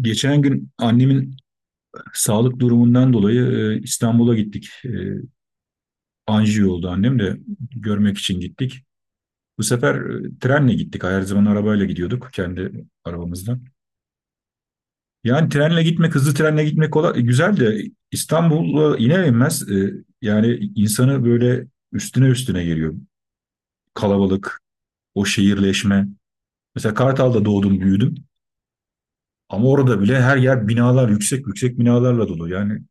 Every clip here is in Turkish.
Geçen gün annemin sağlık durumundan dolayı İstanbul'a gittik. Anjiyo oldu annem de görmek için gittik. Bu sefer trenle gittik. Her zaman arabayla gidiyorduk kendi arabamızdan. Yani trenle gitmek, hızlı trenle gitmek kolay, güzel de İstanbul'a iner inmez yani insanı böyle üstüne üstüne geliyor. Kalabalık, o şehirleşme. Mesela Kartal'da doğdum, büyüdüm. Ama orada bile her yer binalar, yüksek yüksek binalarla dolu. Yani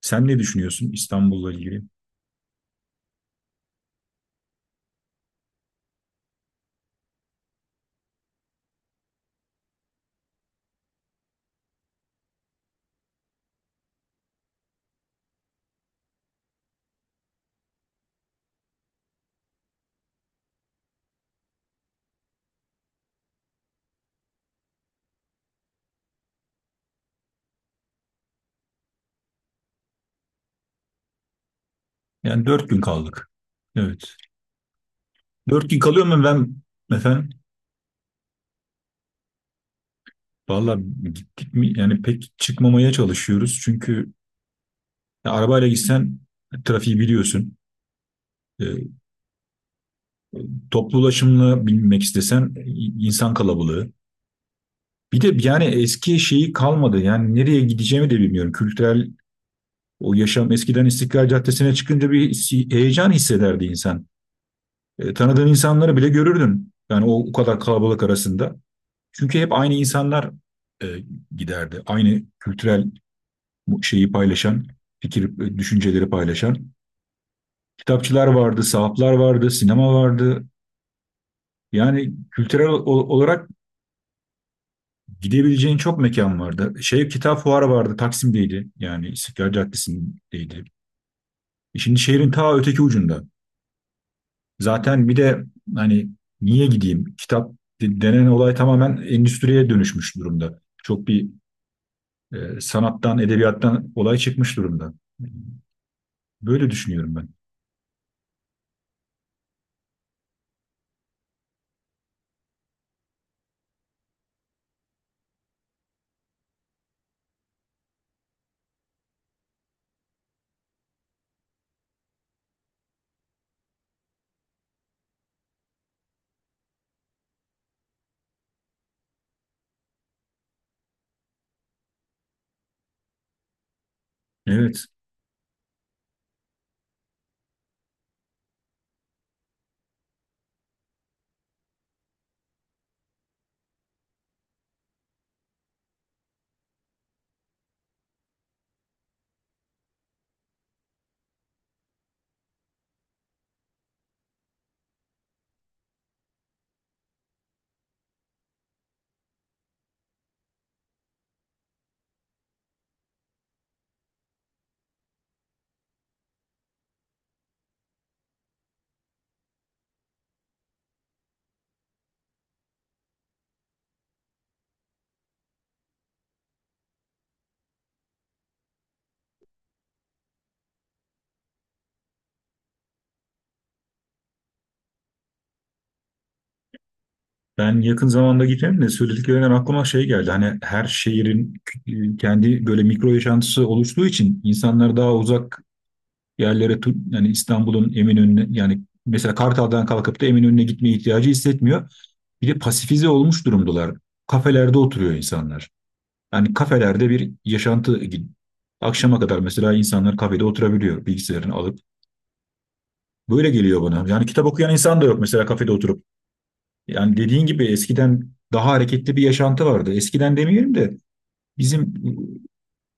sen ne düşünüyorsun İstanbul'la ilgili? Yani dört gün kaldık. Evet. Dört gün kalıyor mu ben efendim? Valla gittik mi? Yani pek çıkmamaya çalışıyoruz. Çünkü ya arabayla gitsen trafiği biliyorsun. E, Toplu ulaşımla binmek istesen insan kalabalığı. Bir de yani eski şeyi kalmadı. Yani nereye gideceğimi de bilmiyorum. Kültürel o yaşam eskiden İstiklal Caddesi'ne çıkınca bir heyecan hissederdi insan. Tanıdığın insanları bile görürdün. Yani o kadar kalabalık arasında. Çünkü hep aynı insanlar e, giderdi. Aynı kültürel şeyi paylaşan, fikir, düşünceleri paylaşan. Kitapçılar vardı, sahaflar vardı, sinema vardı. Yani kültürel olarak gidebileceğin çok mekan vardı. Şey kitap fuarı vardı, Taksim'deydi. Yani İstiklal Caddesi'ndeydi. Şimdi şehrin ta öteki ucunda. Zaten bir de hani niye gideyim? Kitap denen olay tamamen endüstriye dönüşmüş durumda. Çok bir sanattan, edebiyattan olay çıkmış durumda. Böyle düşünüyorum ben. Evet. Ben yakın zamanda gitmedim de söylediklerinden aklıma şey geldi. Hani her şehrin kendi böyle mikro yaşantısı oluştuğu için insanlar daha uzak yerlere yani İstanbul'un Eminönü'ne yani mesela Kartal'dan kalkıp da Eminönü'ne gitmeye ihtiyacı hissetmiyor. Bir de pasifize olmuş durumdalar. Kafelerde oturuyor insanlar. Yani kafelerde bir yaşantı akşama kadar mesela insanlar kafede oturabiliyor bilgisayarını alıp. Böyle geliyor bana. Yani kitap okuyan insan da yok mesela kafede oturup. Yani dediğin gibi eskiden daha hareketli bir yaşantı vardı. Eskiden demeyelim de bizim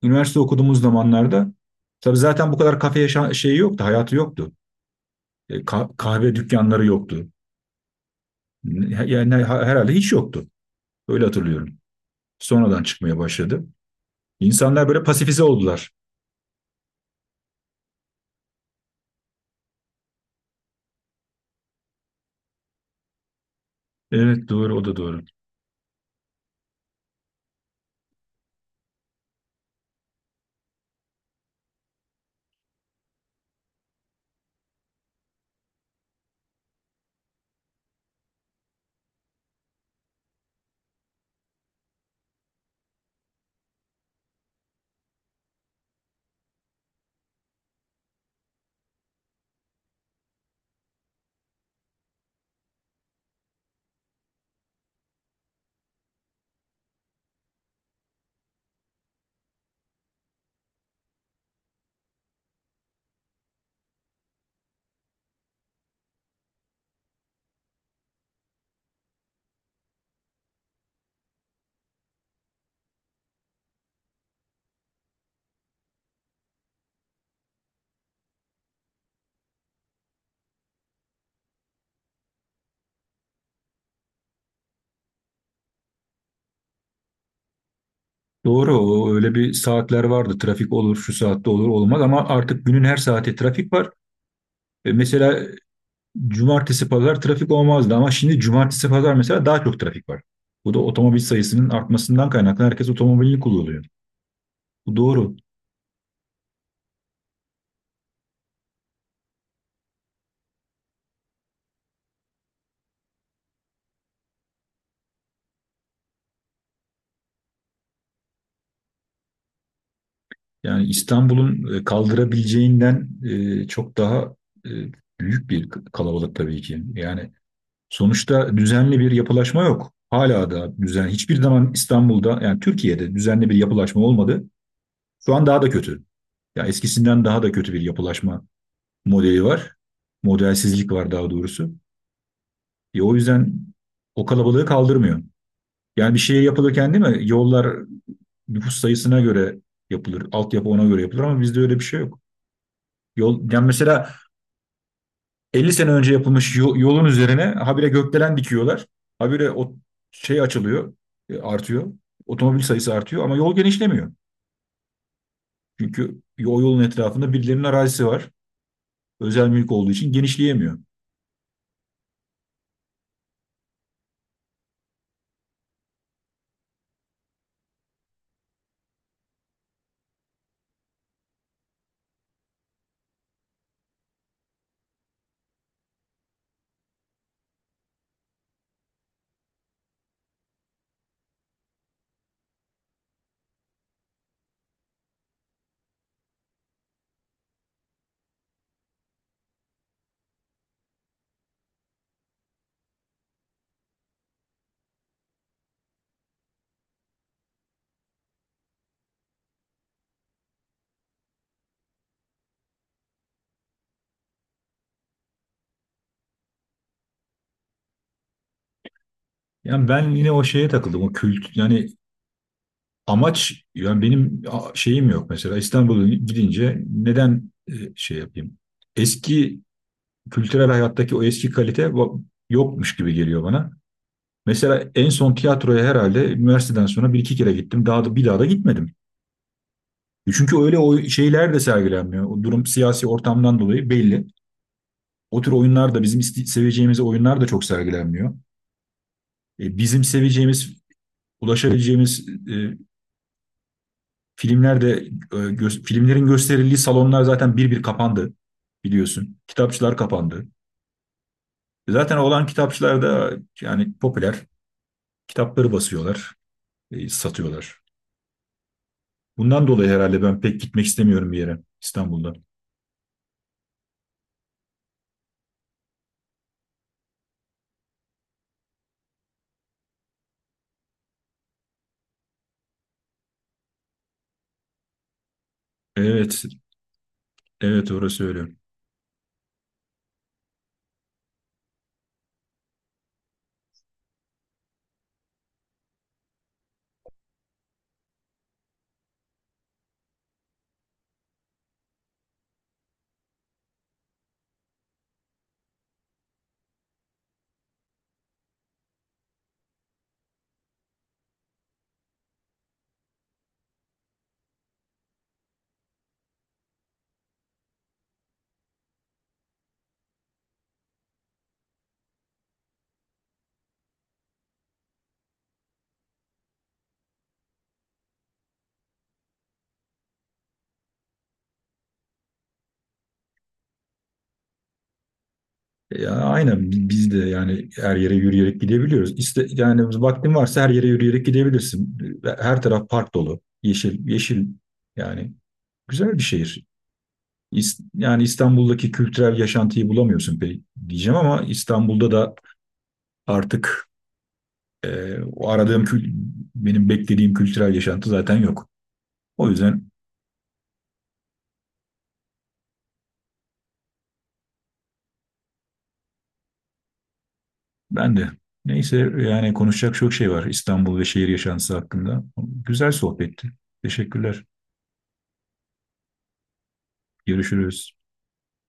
üniversite okuduğumuz zamanlarda tabii zaten bu kadar kafe şeyi yoktu, hayatı yoktu. Kahve dükkanları yoktu. Yani herhalde hiç yoktu. Öyle hatırlıyorum. Sonradan çıkmaya başladı. İnsanlar böyle pasifize oldular. Evet doğru o da doğru. Doğru, o öyle bir saatler vardı. Trafik olur, şu saatte olur, olmaz ama artık günün her saati trafik var. Mesela cumartesi pazar trafik olmazdı ama şimdi cumartesi pazar mesela daha çok trafik var. Bu da otomobil sayısının artmasından kaynaklı herkes otomobilini kullanıyor. Bu doğru. Yani İstanbul'un kaldırabileceğinden çok daha e, büyük bir kalabalık tabii ki. Yani sonuçta düzenli bir yapılaşma yok. Hala da düzen hiçbir zaman İstanbul'da yani Türkiye'de düzenli bir yapılaşma olmadı. Şu an daha da kötü. Ya eskisinden daha da kötü bir yapılaşma modeli var. Modelsizlik var daha doğrusu. O yüzden o kalabalığı kaldırmıyor. Yani bir şey yapılırken değil mi? Yollar nüfus sayısına göre yapılır. Altyapı ona göre yapılır ama bizde öyle bir şey yok. Yol, yani mesela 50 sene önce yapılmış yolun üzerine habire gökdelen dikiyorlar. Habire o şey açılıyor, artıyor. Otomobil sayısı artıyor ama yol genişlemiyor. Çünkü o yolun etrafında birilerinin arazisi var. Özel mülk olduğu için genişleyemiyor. Yani ben yine o şeye takıldım. O kült yani amaç yani benim şeyim yok mesela İstanbul'a gidince neden şey yapayım? Eski kültürel hayattaki o eski kalite yokmuş gibi geliyor bana. Mesela en son tiyatroya herhalde üniversiteden sonra bir iki kere gittim. Daha da bir daha da gitmedim. Çünkü öyle o şeyler de sergilenmiyor. O durum siyasi ortamdan dolayı belli. O tür oyunlar da bizim seveceğimiz oyunlar da çok sergilenmiyor. Bizim seveceğimiz, ulaşabileceğimiz filmlerde filmlerin gösterildiği salonlar zaten bir kapandı biliyorsun. Kitapçılar kapandı. Zaten olan kitapçılar da yani popüler kitapları basıyorlar, satıyorlar. Bundan dolayı herhalde ben pek gitmek istemiyorum bir yere İstanbul'da. Evet, evet orası öyle. Ya aynen biz de yani her yere yürüyerek gidebiliyoruz. İste, yani vaktin varsa her yere yürüyerek gidebilirsin. Her taraf park dolu, yeşil, yeşil yani güzel bir şehir. Yani İstanbul'daki kültürel yaşantıyı bulamıyorsun pek diyeceğim ama İstanbul'da da artık o aradığım benim beklediğim kültürel yaşantı zaten yok. O yüzden ben de neyse yani konuşacak çok şey var İstanbul ve şehir yaşantısı hakkında. Güzel sohbetti. Teşekkürler. Görüşürüz.